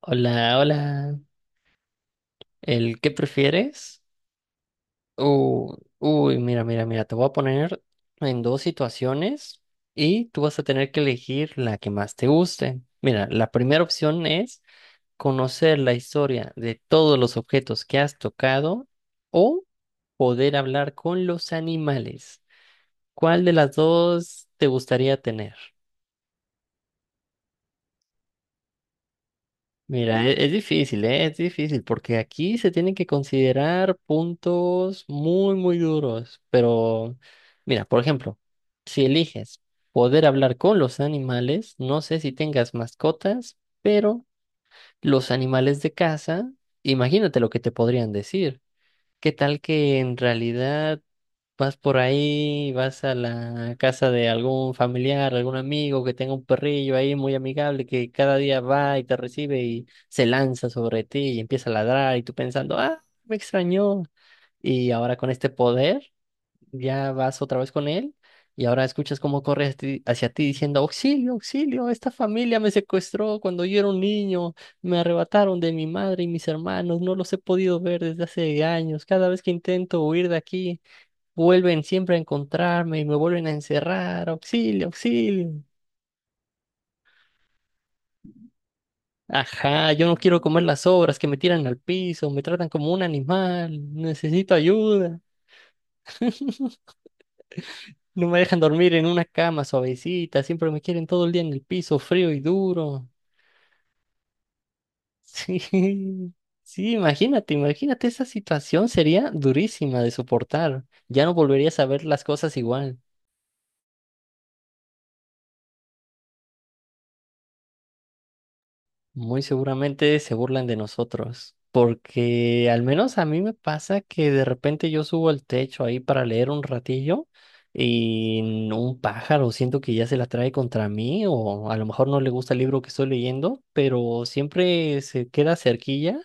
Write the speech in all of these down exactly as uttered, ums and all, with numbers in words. Hola, hola. ¿El qué prefieres? Uh, uy, mira, mira, mira, te voy a poner en dos situaciones y tú vas a tener que elegir la que más te guste. Mira, la primera opción es conocer la historia de todos los objetos que has tocado o poder hablar con los animales. ¿Cuál de las dos te gustaría tener? Mira, e- es difícil, ¿eh? Es difícil, porque aquí se tienen que considerar puntos muy, muy duros. Pero, mira, por ejemplo, si eliges poder hablar con los animales, no sé si tengas mascotas, pero los animales de casa, imagínate lo que te podrían decir. ¿Qué tal que en realidad vas por ahí, vas a la casa de algún familiar, algún amigo que tenga un perrillo ahí muy amigable que cada día va y te recibe y se lanza sobre ti y empieza a ladrar y tú pensando, ah, me extrañó? Y ahora con este poder, ya vas otra vez con él y ahora escuchas cómo corre hacia ti, hacia ti diciendo, auxilio, auxilio, esta familia me secuestró cuando yo era un niño, me arrebataron de mi madre y mis hermanos, no los he podido ver desde hace años, cada vez que intento huir de aquí, vuelven siempre a encontrarme y me vuelven a encerrar. Auxilio, auxilio. Ajá, yo no quiero comer las sobras que me tiran al piso, me tratan como un animal, necesito ayuda. No me dejan dormir en una cama suavecita, siempre me quieren todo el día en el piso, frío y duro. Sí, sí, imagínate, imagínate, esa situación sería durísima de soportar. Ya no volverías a ver las cosas igual. Muy seguramente se burlan de nosotros, porque al menos a mí me pasa que de repente yo subo al techo ahí para leer un ratillo y n- un pájaro siento que ya se la trae contra mí, o a lo mejor no le gusta el libro que estoy leyendo, pero siempre se queda cerquilla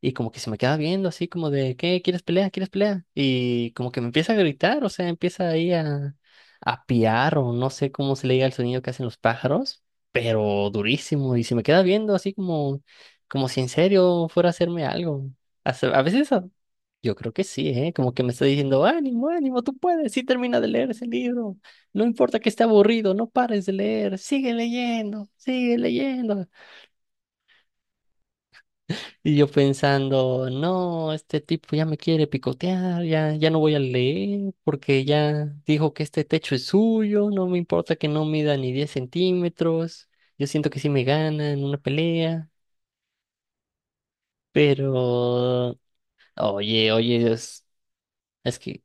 y como que se me queda viendo así como de, ¿qué? ¿Quieres pelea? ¿Quieres pelea? Y como que me empieza a gritar, o sea, empieza ahí a, a piar, o no sé cómo se le diga el sonido que hacen los pájaros, pero durísimo, y se me queda viendo así como, como si en serio fuera a hacerme algo. Hace- A veces a- yo creo que sí, ¿eh? Como que me está diciendo, ánimo, ánimo, tú puedes, sí, termina de leer ese libro, no importa que esté aburrido, no pares de leer, sigue leyendo, sigue leyendo. Y yo pensando, no, este tipo ya me quiere picotear, ya, ya no voy a leer, porque ya dijo que este techo es suyo. No me importa que no mida ni diez centímetros. Yo siento que sí me gana en una pelea. Pero, oye, oye, es, es que,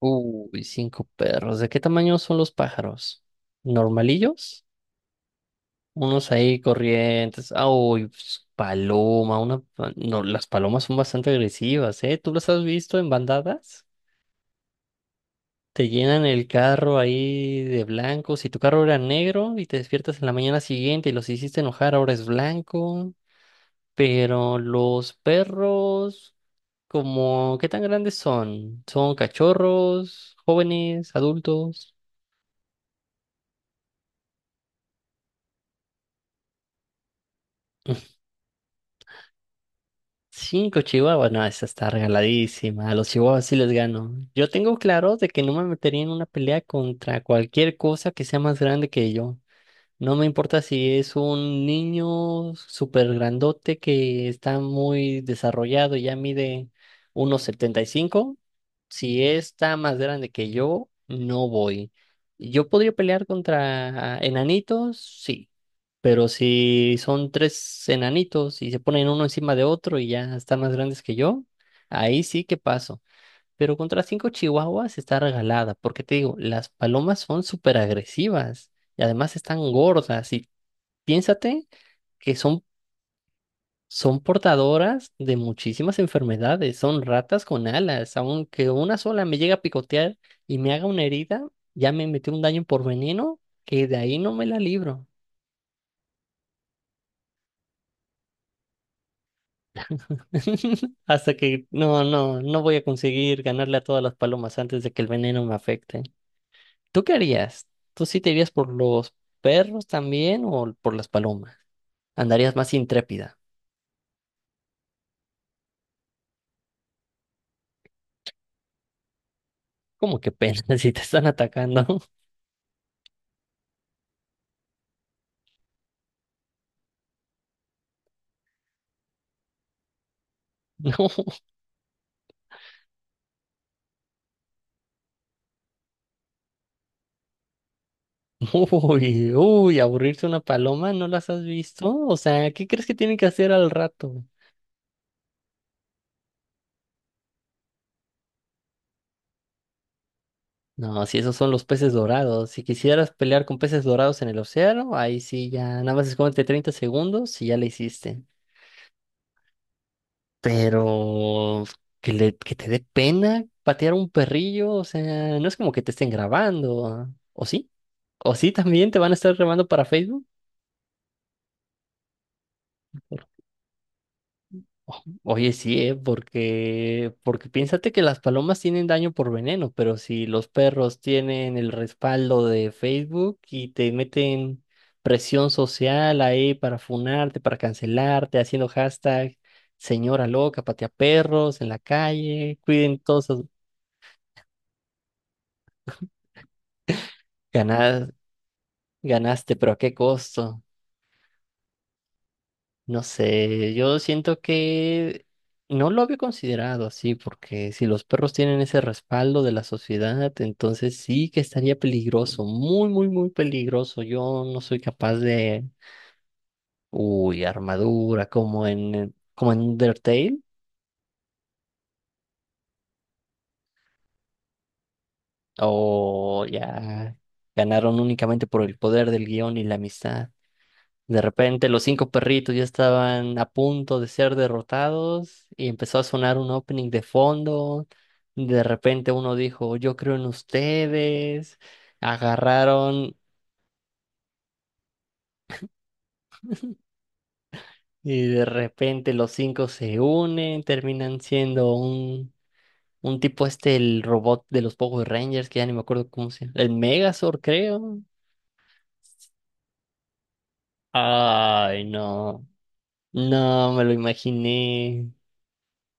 uy, cinco perros. ¿De qué tamaño son los pájaros? ¿Normalillos? Unos ahí corrientes. Ah, uy, pues, paloma, una, pa- no, las palomas son bastante agresivas, ¿eh? ¿Tú las has visto en bandadas? Te llenan el carro ahí de blanco. Si tu carro era negro y te despiertas en la mañana siguiente y los hiciste enojar, ahora es blanco. Pero los perros. Como, ¿qué tan grandes son? ¿Son cachorros, jóvenes, adultos? Cinco chihuahuas, no, esa está regaladísima. A los chihuahuas sí les gano. Yo tengo claro de que no me metería en una pelea contra cualquier cosa que sea más grande que yo. No me importa si es un niño súper grandote que está muy desarrollado y ya mide uno setenta y cinco. Si está más grande que yo, no voy. Yo podría pelear contra enanitos, sí. Pero si son tres enanitos y se ponen uno encima de otro y ya están más grandes que yo, ahí sí que paso. Pero contra cinco chihuahuas está regalada, porque te digo, las palomas son súper agresivas y además están gordas. Y piénsate que son, son portadoras de muchísimas enfermedades, son ratas con alas. Aunque una sola me llegue a picotear y me haga una herida, ya me metió un daño por veneno que de ahí no me la libro. Hasta que no, no, no voy a conseguir ganarle a todas las palomas antes de que el veneno me afecte. ¿Tú qué harías? ¿Tú sí te irías por los perros también o por las palomas? ¿Andarías más intrépida? ¿Cómo que pena, si te están atacando? No, uy, uy, aburrirse una paloma, ¿no las has visto? O sea, ¿qué crees que tienen que hacer al rato? No, si esos son los peces dorados. Si quisieras pelear con peces dorados en el océano, ahí sí ya, nada más escóndete treinta segundos y ya le hiciste. Pero que le, que te dé pena patear un perrillo, o sea, no es como que te estén grabando, ¿ah? ¿O sí? ¿O sí también te van a estar grabando para Facebook? Por- o- Oye, sí, ¿eh? Porque, porque piénsate que las palomas tienen daño por veneno, pero si los perros tienen el respaldo de Facebook y te meten presión social ahí para funarte, para cancelarte, haciendo hashtag, señora loca, patea perros en la calle, cuiden todos sus ganadas. Ganaste, pero ¿a qué costo? No sé, yo siento que no lo había considerado así, porque si los perros tienen ese respaldo de la sociedad, entonces sí que estaría peligroso, muy, muy, muy peligroso. Yo no soy capaz de, uy, armadura, como en, eh, como en Undertale, o ya ganaron únicamente por el poder del guión y la amistad. De repente los cinco perritos ya estaban a punto de ser derrotados y empezó a sonar un opening de fondo. De repente uno dijo, yo creo en ustedes. Agarraron y de repente los cinco se unen, terminan siendo un, un, tipo este, el robot de los Power Rangers, que ya ni me acuerdo cómo se llama. El Megazord, creo. Ay, no. No, me lo imaginé.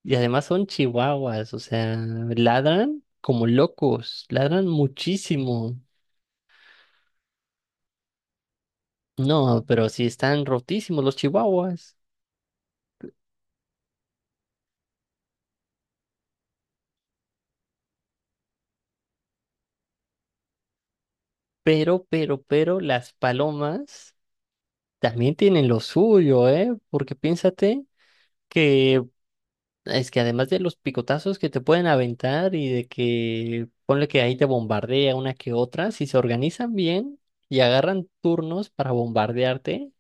Y además son chihuahuas, o sea, ladran como locos, ladran muchísimo. No, pero sí están rotísimos los chihuahuas. Pero, pero, pero las palomas también tienen lo suyo, ¿eh? Porque piénsate que es que además de los picotazos que te pueden aventar y de que ponle que ahí te bombardea una que otra, si se organizan bien y agarran turnos para bombardearte,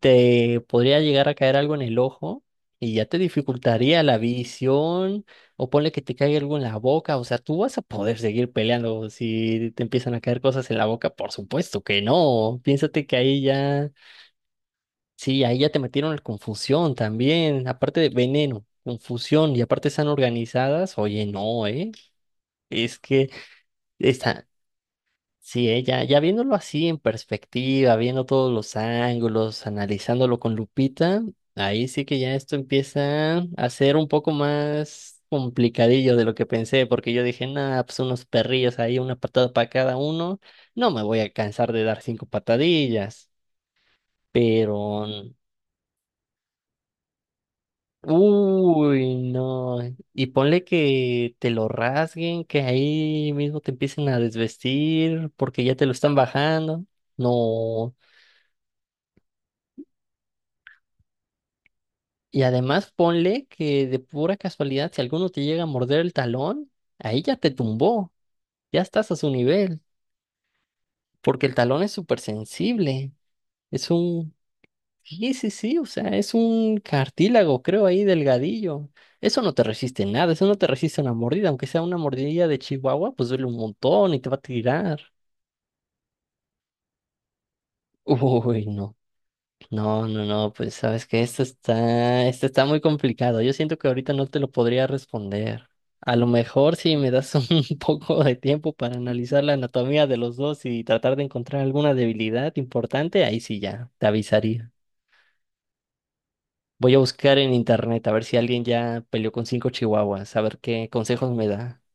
te podría llegar a caer algo en el ojo y ya te dificultaría la visión, o ponle que te caiga algo en la boca. O sea, ¿tú vas a poder seguir peleando si te empiezan a caer cosas en la boca? Por supuesto que no. Piénsate que ahí ya sí, ahí ya te metieron en confusión también, aparte de veneno, confusión, y aparte están organizadas, oye, no, ¿eh? Es que está, sí, ¿eh? Ya, ya viéndolo así en perspectiva, viendo todos los ángulos, analizándolo con lupita, ahí sí que ya esto empieza a ser un poco más complicadillo de lo que pensé, porque yo dije, nada, pues unos perrillos ahí, una patada para cada uno, no me voy a cansar de dar cinco patadillas, pero... Uy, no. Y ponle que te lo rasguen, que ahí mismo te empiecen a desvestir porque ya te lo están bajando. No. Y además ponle que de pura casualidad, si alguno te llega a morder el talón, ahí ya te tumbó. Ya estás a su nivel, porque el talón es súper sensible. Es un Sí, sí, sí, o sea, es un cartílago, creo, ahí delgadillo. Eso no te resiste nada, eso no te resiste una mordida, aunque sea una mordida de chihuahua, pues duele un montón y te va a tirar. Uy, no, no, no, no, pues sabes que esto está, esto está muy complicado. Yo siento que ahorita no te lo podría responder. A lo mejor si me das un poco de tiempo para analizar la anatomía de los dos y tratar de encontrar alguna debilidad importante, ahí sí ya, te avisaría. Voy a buscar en internet a ver si alguien ya peleó con cinco chihuahuas, a ver qué consejos me da.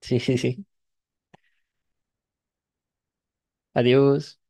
Sí, sí, sí. Adiós.